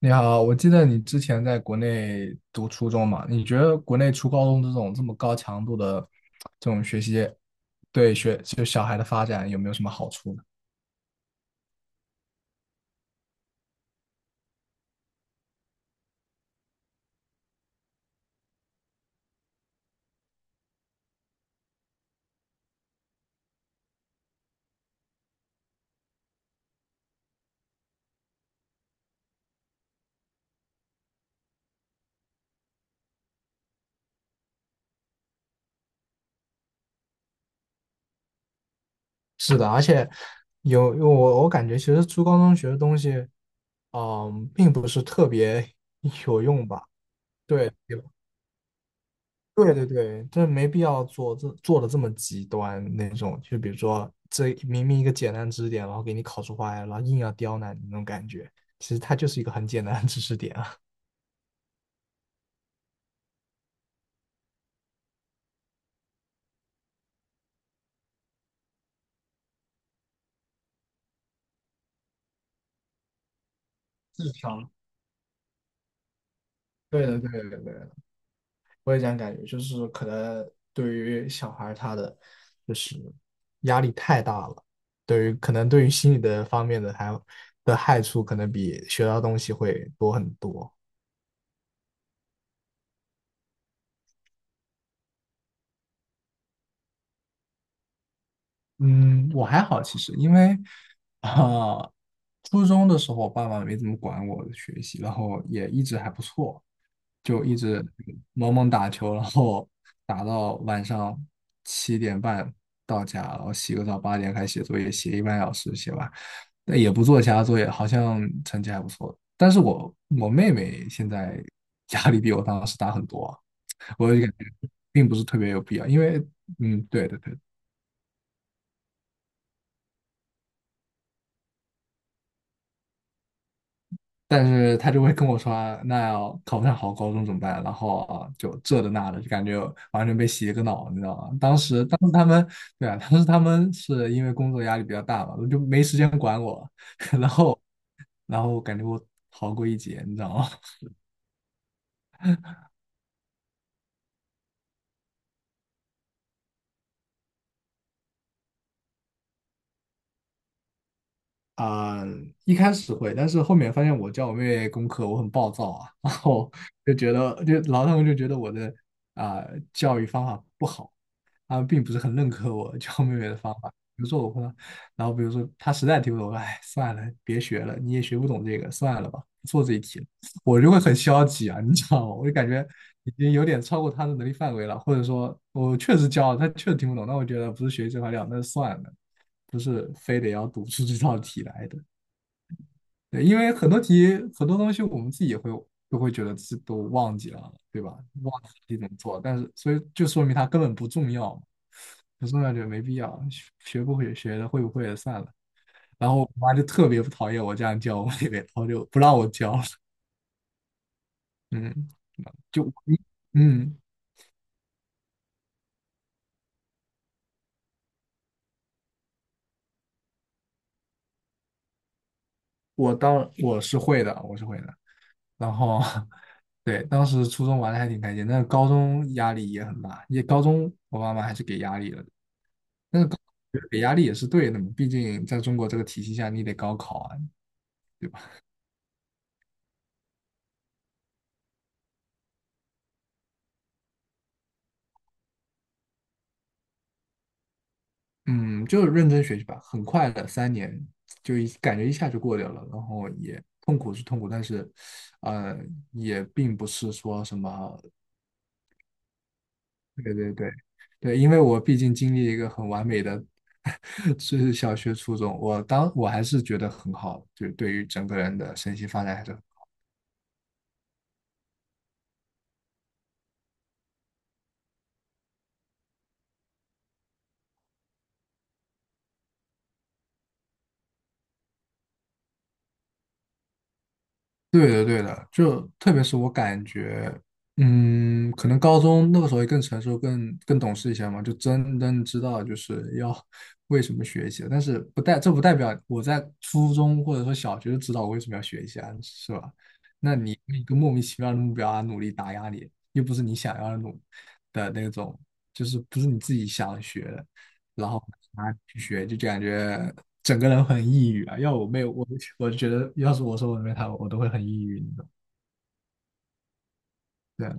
你好，我记得你之前在国内读初中嘛？你觉得国内初高中这种这么高强度的这种学习，对小孩的发展有没有什么好处呢？是的，而且我感觉，其实初高中学的东西，嗯，并不是特别 有用吧？对，对对对，这没必要做的这么极端那种，就比如说这明明一个简单知识点，然后给你考出花来，然后硬要刁难你那种感觉，其实它就是一个很简单的知识点啊。智商，对的，对的，对的，我也这样感觉，就是可能对于小孩儿他的就是压力太大了，对于可能对于心理的方面的还有的害处，可能比学到东西会多很多。嗯，我还好其实，因为啊、初中的时候爸爸没怎么管我的学习，然后也一直还不错，就一直猛猛打球，然后打到晚上7点半到家，然后洗个澡，8点开始写作业，写一个半小时写完，但也不做其他作业，好像成绩还不错。但是我妹妹现在 压力比我当时大很多啊。我就感觉并不是特别有必要，因为嗯，对的对的。但是他就会跟我说啊那要考不上好高中怎么办？然后啊，就这的那的，就感觉完全被洗了个脑，你知道吗？当时他们，对啊，当时他们是因为工作压力比较大嘛，就没时间管我，然后感觉我逃过一劫，你知道吗？啊、一开始会，但是后面发现我教我妹妹功课，我很暴躁啊，然后就觉得，然后他们就觉得我的啊、教育方法不好，他们并不是很认可我教妹妹的方法。比如说我会，然后比如说她实在听不懂，我说哎，算了，别学了，你也学不懂这个，算了吧，不做这一题了。我就会很消极啊，你知道吗？我就感觉已经有点超过她的能力范围了，或者说我确实教，了，她确实听不懂，那我觉得不是学习这块料，那就算了。不是非得要读出这道题来的。对，因为很多题很多东西我们自己也会都会觉得自己都忘记了，对吧？忘记自己怎么做，但是所以就说明它根本不重要嘛，不重要就没必要，学学不会学的会不会也算了。然后我妈就特别不讨厌我这样教我妹妹，然后就不让我教了。嗯，就嗯，嗯，我是会的，我是会的。然后 对，当时初中玩的还挺开心，但是高中压力也很大，也高中我妈妈还是给压力了的，但是高我觉得给压力也是对的嘛，毕竟在中国这个体系下，你得高考啊，对吧？嗯，就是认真学习吧，很快的3年感觉一下就过掉了，然后也痛苦是痛苦，但是呃也并不是说什么。对对对对，因为我毕竟经历一个很完美的，是小学、初中，我还是觉得很好，就是对于整个人的身心发展还是对的，对的，就特别是我感觉，嗯，可能高中那个时候也更成熟、更懂事一些嘛，就真正知道就是要为什么学习。但是不代表我在初中或者说小学就知道我为什么要学一些啊，是吧？那你一个莫名其妙的目标啊，努力打压你，又不是你想要的努的那种，就是不是你自己想学的，然后啊去学，就感觉整个人很抑郁啊。要我没有我，我就觉得要是我说我妹她，我都会很抑郁，你懂？对啊。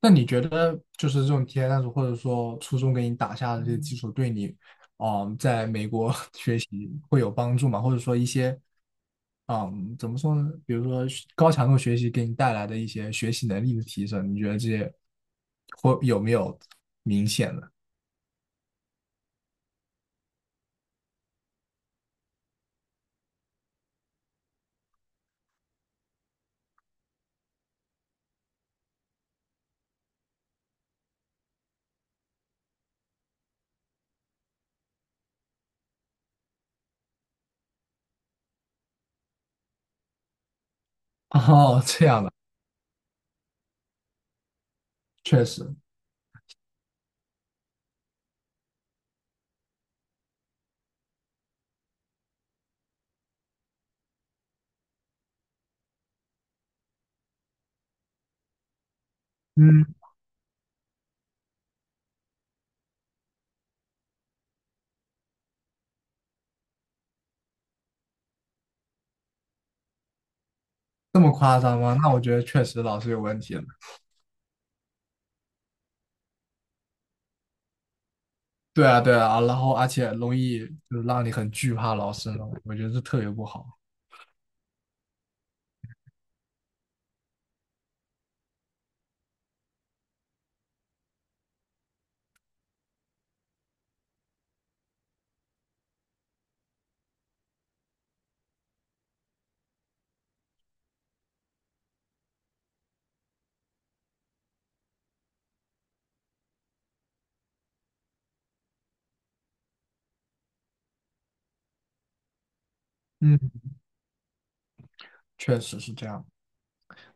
那你觉得就是这种体验探索，或者说初中给你打下的这些基础，对你，嗯，在美国 学习会有帮助吗？或者说一些，嗯，怎么说呢？比如说学高强度学习给你带来的一些学习能力的提升，你觉得这些会有没有明显的？哦，这样的，确实。嗯，这么夸张吗？那我觉得确实老师有问题了。对啊，对啊，然后而且容易就是让你很惧怕老师呢，我觉得这特别不好。嗯，确实是这样。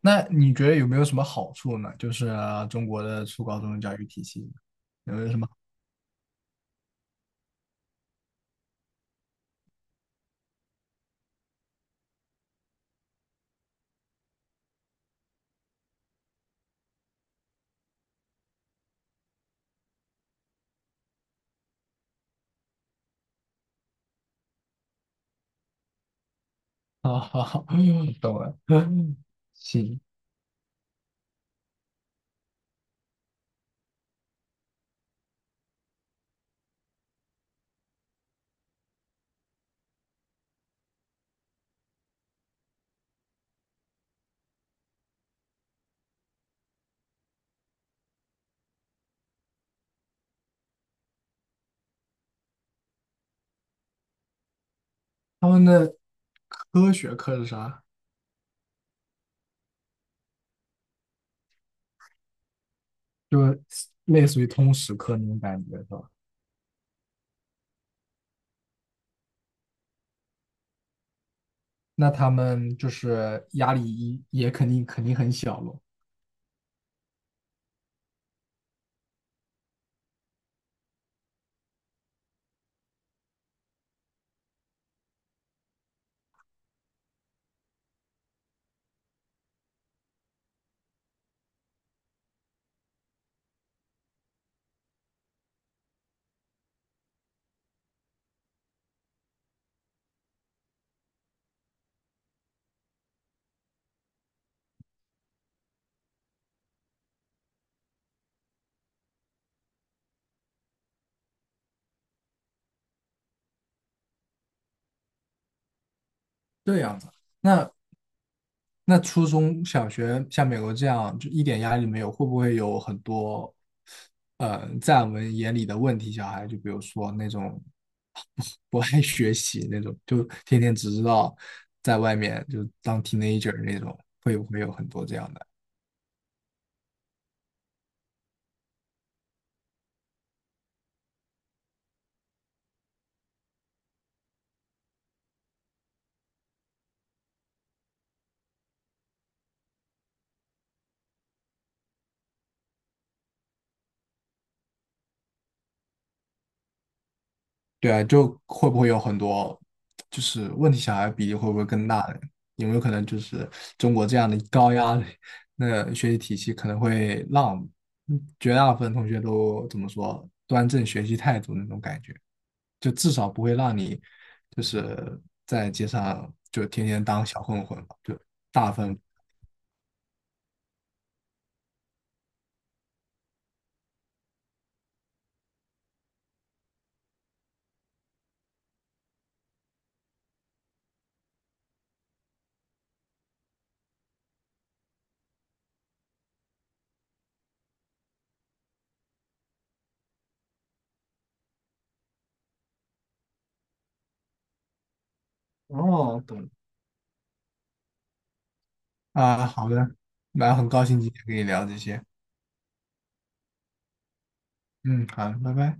那你觉得有没有什么好处呢？就是中国的初高中教育体系有没有什么？好好好，懂了。行，他们的科学课是啥？就是类似于通识课那种感觉，是吧？那他们就是压力也肯定肯定很小咯。这样子，那那初中小学像美国这样就一点压力没有，会不会有很多，在我们眼里的问题小孩？就比如说那种不爱学习那种，就天天只知道在外面就当 teenager 那种，会不会有很多这样的？对啊，就会不会有很多就是问题小孩比例会不会更大呢？有没有可能就是中国这样的高压的那学习体系可能会让嗯绝大部分同学都怎么说端正学习态度那种感觉？就至少不会让你就是在街上就天天当小混混吧，就大部分哦，懂了。啊，好的，那很高兴今天跟你聊这些，嗯，好，拜拜。